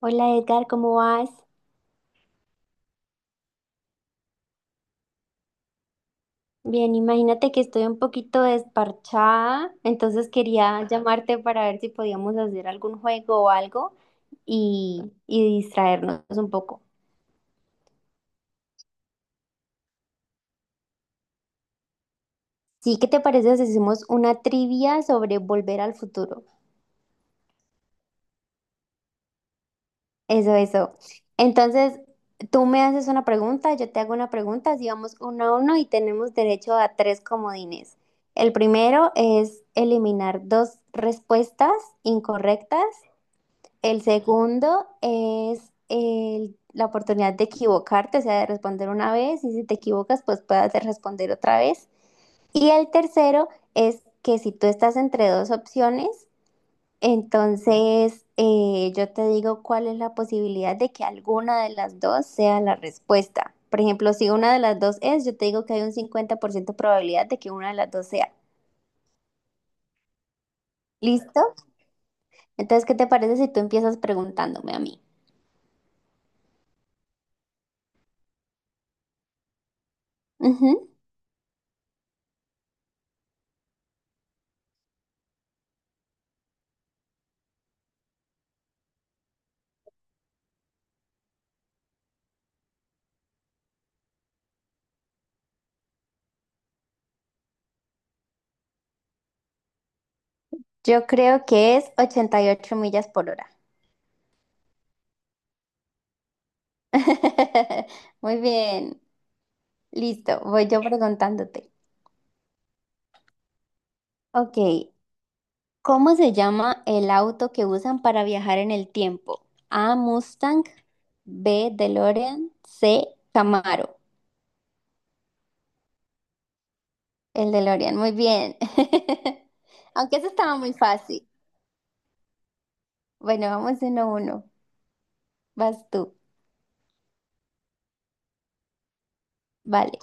Hola Edgar, ¿cómo vas? Bien, imagínate que estoy un poquito desparchada, entonces quería llamarte para ver si podíamos hacer algún juego o algo y distraernos un poco. Sí, ¿qué te parece si hacemos una trivia sobre Volver al Futuro? Eso, eso. Entonces, tú me haces una pregunta, yo te hago una pregunta, así vamos uno a uno y tenemos derecho a tres comodines. El primero es eliminar dos respuestas incorrectas. El segundo es la oportunidad de equivocarte, o sea, de responder una vez y si te equivocas, pues puedas de responder otra vez. Y el tercero es que si tú estás entre dos opciones, entonces yo te digo cuál es la posibilidad de que alguna de las dos sea la respuesta. Por ejemplo, si una de las dos es, yo te digo que hay un 50% probabilidad de que una de las dos sea. ¿Listo? Entonces, ¿qué te parece si tú empiezas preguntándome a mí? Ujú. Yo creo que es 88 millas por hora. Muy bien, listo, voy yo preguntándote. Ok, ¿cómo se llama el auto que usan para viajar en el tiempo? A, Mustang; B, DeLorean; C, Camaro. El DeLorean, muy bien. Aunque eso estaba muy fácil. Bueno, vamos uno a uno. Vas tú. Vale.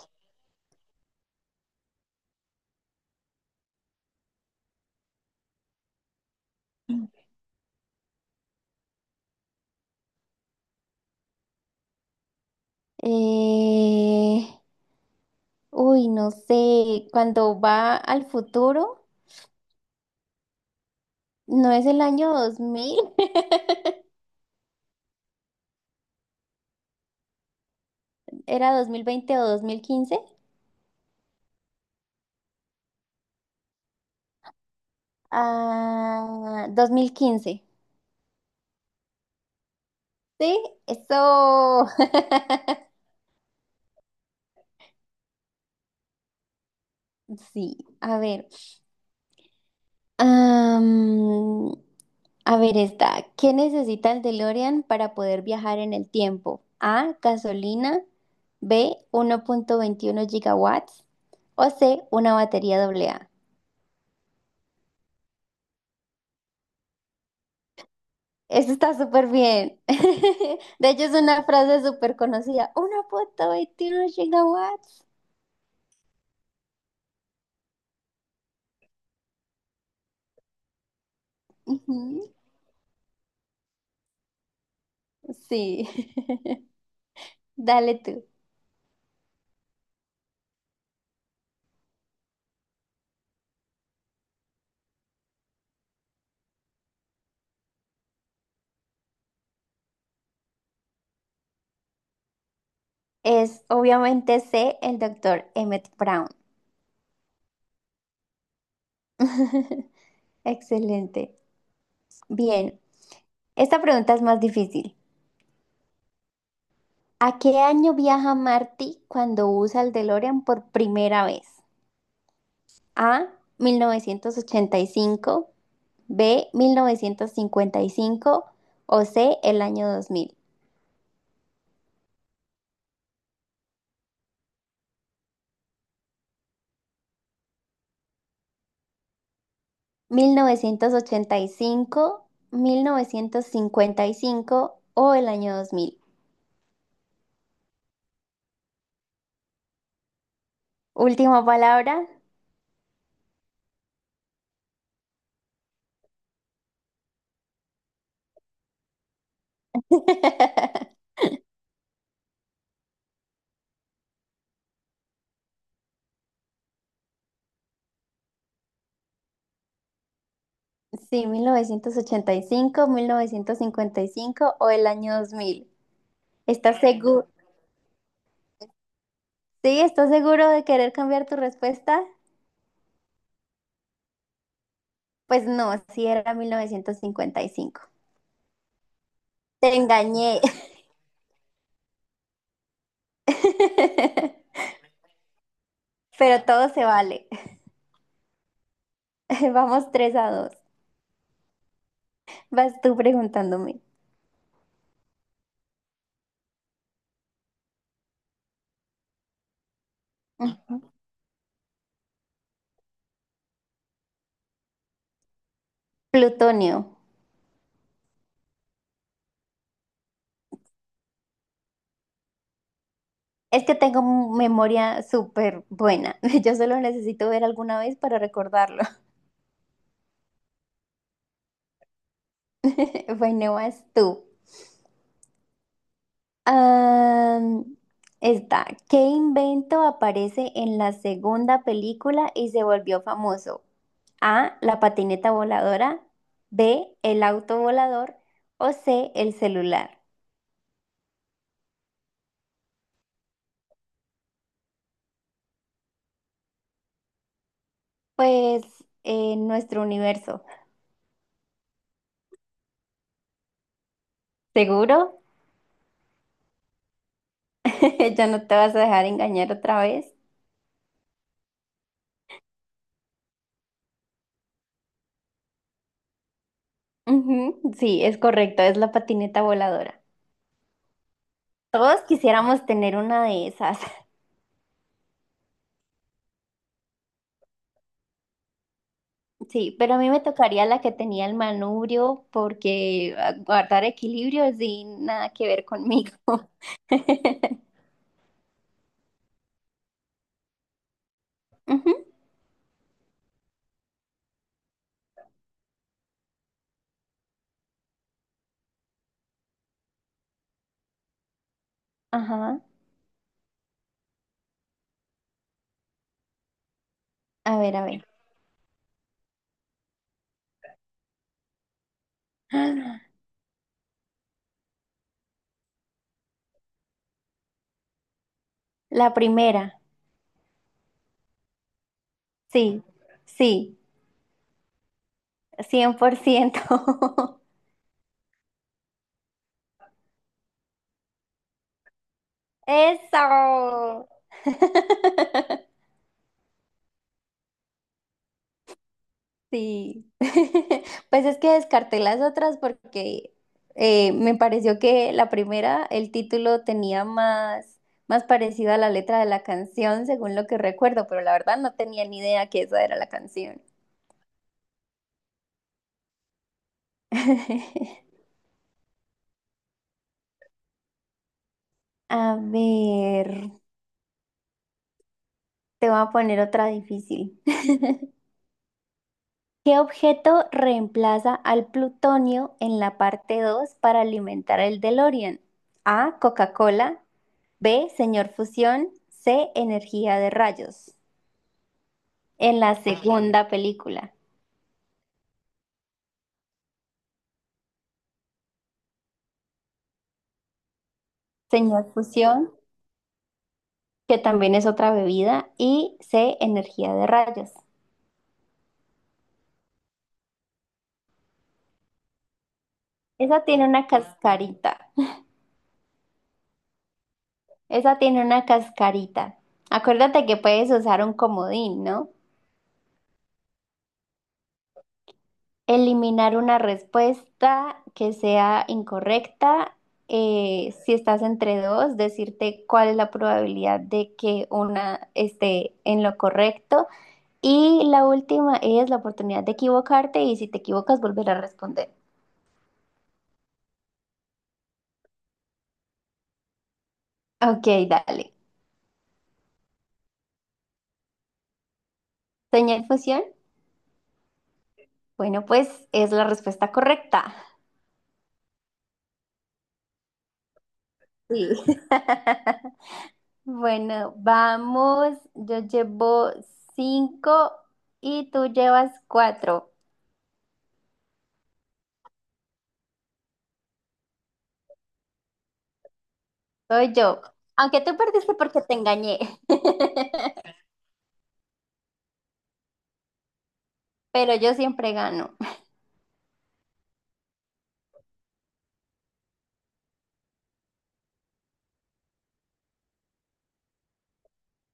Eh, Uy, no sé. Cuando va al futuro. No es el año 2000, era 2020 o 2015. Ah, 2015. Sí, eso. Sí, a ver. Am, a ver esta. ¿Qué necesita el DeLorean para poder viajar en el tiempo? A, gasolina; B, uno punto veintiuno gigawatts; o C, una batería AA. Eso está súper bien. De hecho, es una frase súper conocida. Una foto veintiún gigawatts. Ujú. Sí. Dale tú. Es obviamente C, el doctor Emmett Brown. Excelente. Bien, esta pregunta es más difícil. ¿A qué año viaja Marty cuando usa el DeLorean por primera vez? A, 1985. B, 1955. O C, el año 2000. Mil novecientos ochenta y cinco, mil novecientos cincuenta y cinco, o el año dos mil. Última palabra. Sí, mil novecientos ochenta y cinco, mil novecientos cincuenta y cinco, o el año dos mil. ¿Estás seguro? Sí, ¿estás seguro de querer cambiar tu respuesta? Pues no, sí era mil novecientos cincuenta y cinco. Te engañé. Pero todo se vale. Vamos 3 a dos. Vas tú preguntándome. Ujú. Plutonio. Es que tengo memoria súper buena. Yo solo necesito ver alguna vez para recordarlo. Bueno, vas tú. Am, esta. ¿Qué invento aparece en la segunda película y se volvió famoso? A, la patineta voladora. B, el auto volador. O C, el celular. Pues en nuestro universo. ¿Seguro? ¿Ya no te vas a dejar engañar otra vez? Ujú. Sí, es correcto, es la patineta voladora. Todos quisiéramos tener una de esas. Sí, pero a mí me tocaría la que tenía el manubrio porque guardar equilibrio es sin nada que ver conmigo. Ujú. Ajá. A ver, a ver. Ah, La primera. Sí, sí, cien por ciento. Eso. Sí, pues es que descarté las otras porque me pareció que la primera, el título tenía más, más parecido a la letra de la canción, según lo que recuerdo, pero la verdad no tenía ni idea que esa era la canción. A ver, te voy a poner otra difícil. ¿Qué objeto reemplaza al plutonio en la parte 2 para alimentar el DeLorean? A, Coca-Cola; B, Señor Fusión; C, Energía de Rayos. En la segunda película, Señor Fusión, que también es otra bebida, y C, Energía de Rayos. Esa tiene una cascarita. Esa tiene una cascarita. Acuérdate que puedes usar un comodín, ¿no? Eliminar una respuesta que sea incorrecta. Si estás entre dos, decirte cuál es la probabilidad de que una esté en lo correcto. Y la última es la oportunidad de equivocarte y si te equivocas, volver a responder. Ok, dale. Señal fusión. Bueno, pues es la respuesta correcta. Sí. Bueno, vamos. Yo llevo cinco y tú llevas cuatro. Soy yo. Aunque tú perdiste porque te engañé, pero yo siempre gano.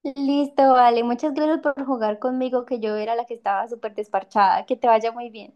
Listo, vale. Muchas gracias por jugar conmigo, que yo era la que estaba súper desparchada. Que te vaya muy bien.